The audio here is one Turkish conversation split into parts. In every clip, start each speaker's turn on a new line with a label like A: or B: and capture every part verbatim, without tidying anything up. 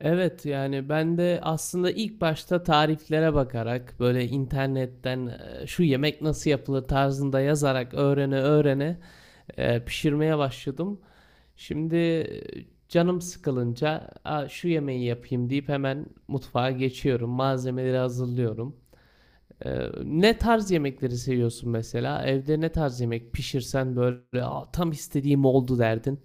A: Evet yani ben de aslında ilk başta tariflere bakarak böyle internetten e, şu yemek nasıl yapılır tarzında yazarak öğrene öğrene e, pişirmeye başladım. Şimdi e, canım sıkılınca "Aa, şu yemeği yapayım deyip hemen mutfağa geçiyorum. Malzemeleri hazırlıyorum. E, ne tarz yemekleri seviyorsun mesela? Evde ne tarz yemek pişirsen böyle "Aa, tam istediğim oldu derdin.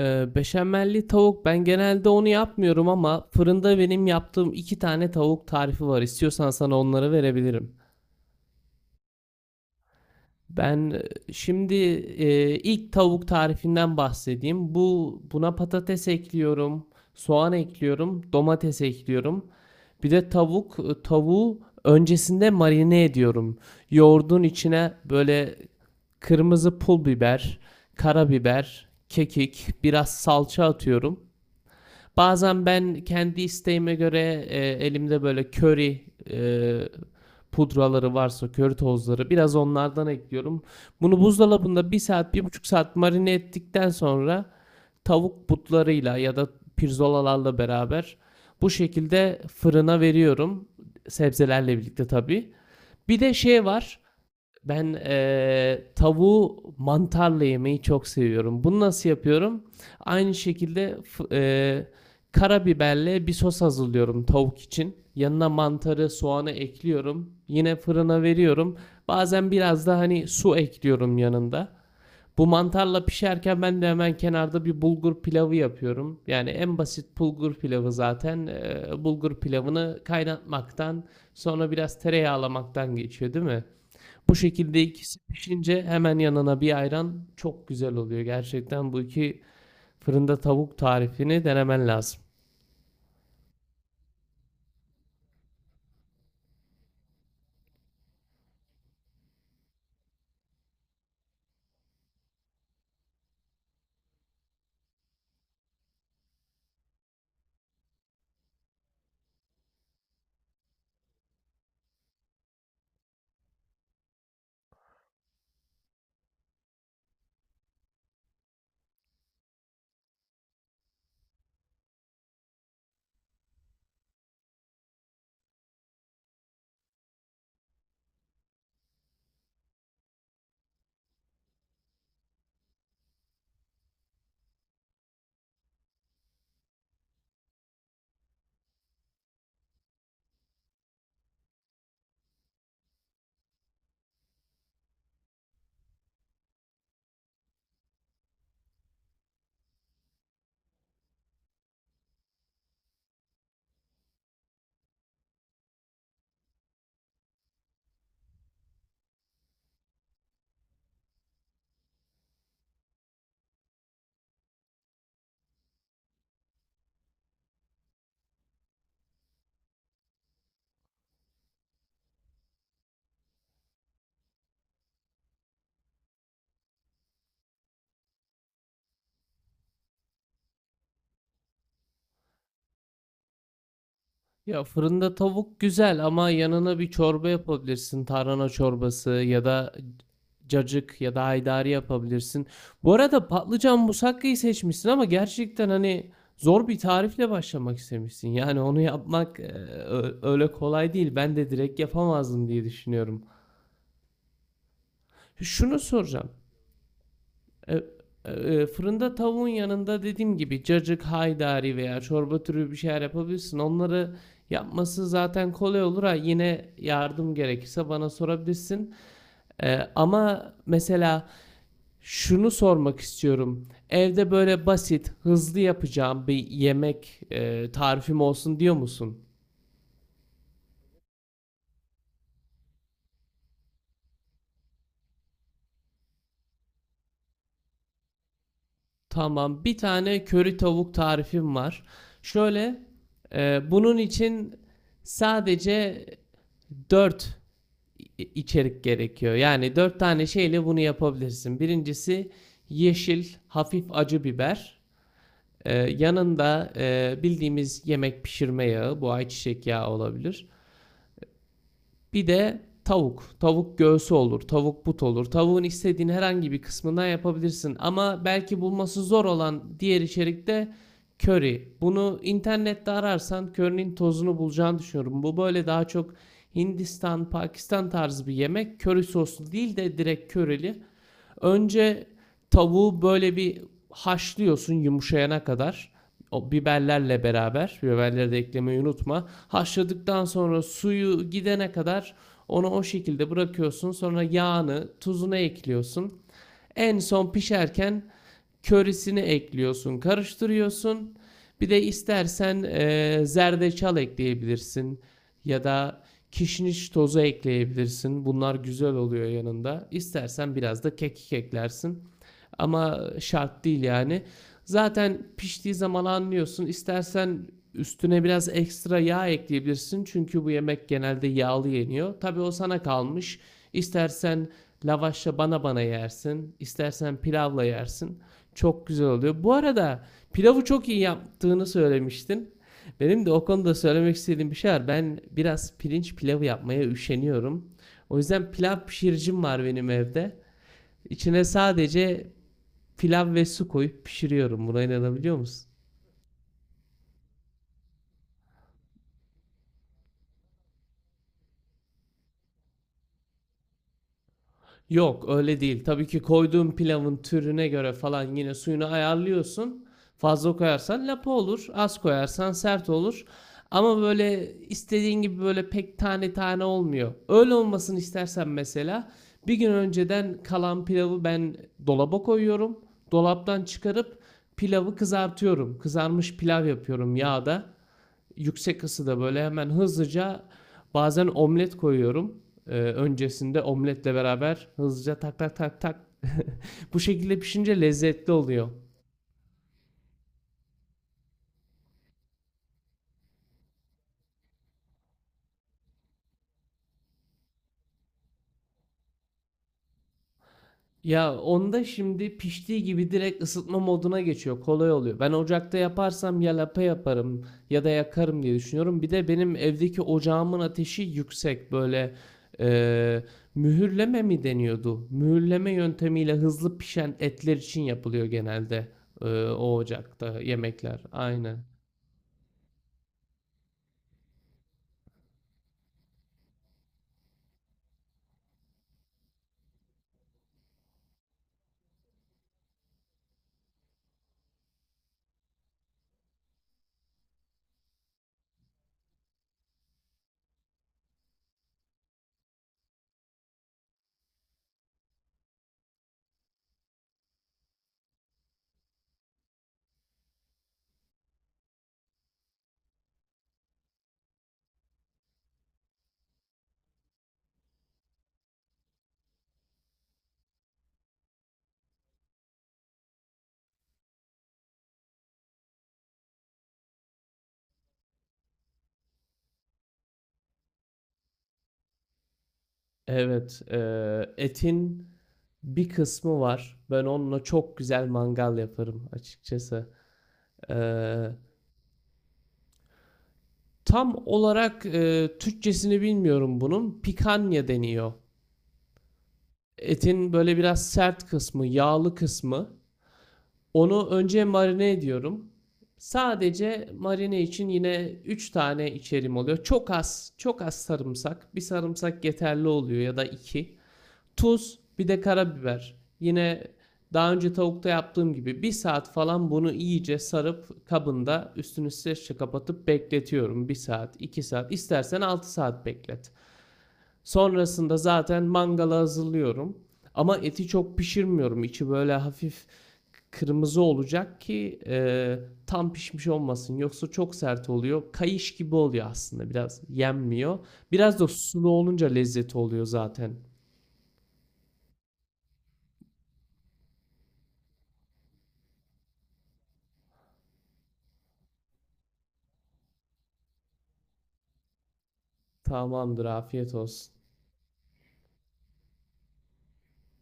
A: Ee, beşamelli tavuk ben genelde onu yapmıyorum ama fırında benim yaptığım iki tane tavuk tarifi var. İstiyorsan sana onları verebilirim. Ben e, şimdi e, ilk tavuk tarifinden bahsedeyim. Bu buna patates ekliyorum, soğan ekliyorum, domates ekliyorum. Bir de tavuk e, tavuğu öncesinde marine ediyorum. Yoğurdun içine böyle kırmızı pul biber, karabiber, kekik, biraz salça atıyorum. Bazen ben kendi isteğime göre, eee, elimde böyle köri, eee, pudraları varsa köri tozları biraz onlardan ekliyorum. Bunu buzdolabında bir saat, bir buçuk saat marine ettikten sonra tavuk butlarıyla ya da pirzolalarla beraber bu şekilde fırına veriyorum. Sebzelerle birlikte tabii. Bir de şey var. Ben eee, tavuğu mantarla yemeyi çok seviyorum. Bunu nasıl yapıyorum? Aynı şekilde f- eee, karabiberle bir sos hazırlıyorum tavuk için. Yanına mantarı, soğanı ekliyorum. Yine fırına veriyorum. Bazen biraz da hani su ekliyorum yanında. Bu mantarla pişerken ben de hemen kenarda bir bulgur pilavı yapıyorum. Yani en basit bulgur pilavı zaten. Eee, bulgur pilavını kaynatmaktan, sonra biraz tereyağlamaktan geçiyor, değil mi? Bu şekilde ikisi pişince hemen yanına bir ayran çok güzel oluyor. Gerçekten bu iki fırında tavuk tarifini denemen lazım. Ya fırında tavuk güzel ama yanına bir çorba yapabilirsin. Tarhana çorbası ya da cacık ya da haydari yapabilirsin. Bu arada patlıcan musakkayı seçmişsin ama gerçekten hani zor bir tarifle başlamak istemişsin. Yani onu yapmak e, ö- öyle kolay değil. Ben de direkt yapamazdım diye düşünüyorum. Şunu soracağım. E, e, e, fırında tavuğun yanında dediğim gibi cacık, haydari veya çorba türü bir şeyler yapabilirsin. Onları yapması zaten kolay olur ha. Yine yardım gerekirse bana sorabilirsin. E, ama mesela şunu sormak istiyorum. Evde böyle basit, hızlı yapacağım bir yemek e, tarifim olsun diyor musun? Tamam. Bir tane köri tavuk tarifim var. Şöyle, e, bunun için sadece dört i- içerik gerekiyor. Yani dört tane şeyle bunu yapabilirsin. Birincisi yeşil hafif acı biber. Ee, yanında e, bildiğimiz yemek pişirme yağı, bu ayçiçek yağı olabilir. Bir de tavuk. Tavuk göğsü olur, tavuk but olur. Tavuğun istediğin herhangi bir kısmından yapabilirsin. Ama belki bulması zor olan diğer içerikte köri. Bunu internette ararsan körinin tozunu bulacağını düşünüyorum. Bu böyle daha çok Hindistan, Pakistan tarzı bir yemek. Köri soslu değil de direkt körili. Önce tavuğu böyle bir haşlıyorsun yumuşayana kadar. O biberlerle beraber biberleri de eklemeyi unutma. Haşladıktan sonra suyu gidene kadar onu o şekilde bırakıyorsun. Sonra yağını, tuzunu ekliyorsun. En son pişerken körisini ekliyorsun, karıştırıyorsun. Bir de istersen eee, zerdeçal ekleyebilirsin ya da kişniş tozu ekleyebilirsin. Bunlar güzel oluyor yanında. İstersen biraz da kekik eklersin. Ama şart değil yani. Zaten piştiği zaman anlıyorsun. İstersen üstüne biraz ekstra yağ ekleyebilirsin. Çünkü bu yemek genelde yağlı yeniyor. Tabii o sana kalmış. İstersen lavaşla bana bana yersin. İstersen pilavla yersin. Çok güzel oluyor. Bu arada pilavı çok iyi yaptığını söylemiştin. Benim de o konuda söylemek istediğim bir şey var. Ben biraz pirinç pilavı yapmaya üşeniyorum. O yüzden pilav pişiricim var benim evde. İçine sadece pilav ve su koyup pişiriyorum. Buna inanabiliyor musun? Yok öyle değil. Tabii ki koyduğun pilavın türüne göre falan yine suyunu ayarlıyorsun. Fazla koyarsan lapa olur. Az koyarsan sert olur. Ama böyle istediğin gibi böyle pek tane tane olmuyor. Öyle olmasını istersen mesela bir gün önceden kalan pilavı ben dolaba koyuyorum. Dolaptan çıkarıp pilavı kızartıyorum. Kızarmış pilav yapıyorum yağda. Yüksek ısıda böyle hemen hızlıca bazen omlet koyuyorum. Ee, öncesinde omletle beraber hızlıca tak tak tak tak. Bu şekilde pişince lezzetli oluyor. Ya onda şimdi piştiği gibi direkt ısıtma moduna geçiyor. Kolay oluyor. Ben ocakta yaparsam ya lapa yaparım ya da yakarım diye düşünüyorum. Bir de benim evdeki ocağımın ateşi yüksek. Böyle eee, mühürleme mi deniyordu? Mühürleme yöntemiyle hızlı pişen etler için yapılıyor genelde eee, o ocakta yemekler. Aynen. Evet. eee, etin bir kısmı var. Ben onunla çok güzel mangal yaparım açıkçası. E, Tam olarak e, Türkçesini bilmiyorum bunun. Pikanya deniyor. Etin böyle biraz sert kısmı, yağlı kısmı. Onu önce marine ediyorum. Sadece marine için yine üç tane içerim oluyor. Çok az, çok az sarımsak. Bir sarımsak yeterli oluyor ya da iki. Tuz, bir de karabiber. Yine daha önce tavukta yaptığım gibi bir saat falan bunu iyice sarıp kabında üstünü streçle kapatıp bekletiyorum. Bir saat, iki saat, istersen altı saat beklet. Sonrasında zaten mangala hazırlıyorum. Ama eti çok pişirmiyorum. İçi böyle hafif kırmızı olacak ki e, tam pişmiş olmasın. Yoksa çok sert oluyor. Kayış gibi oluyor aslında biraz yenmiyor. Biraz da sulu olunca lezzeti oluyor zaten. Tamamdır afiyet olsun.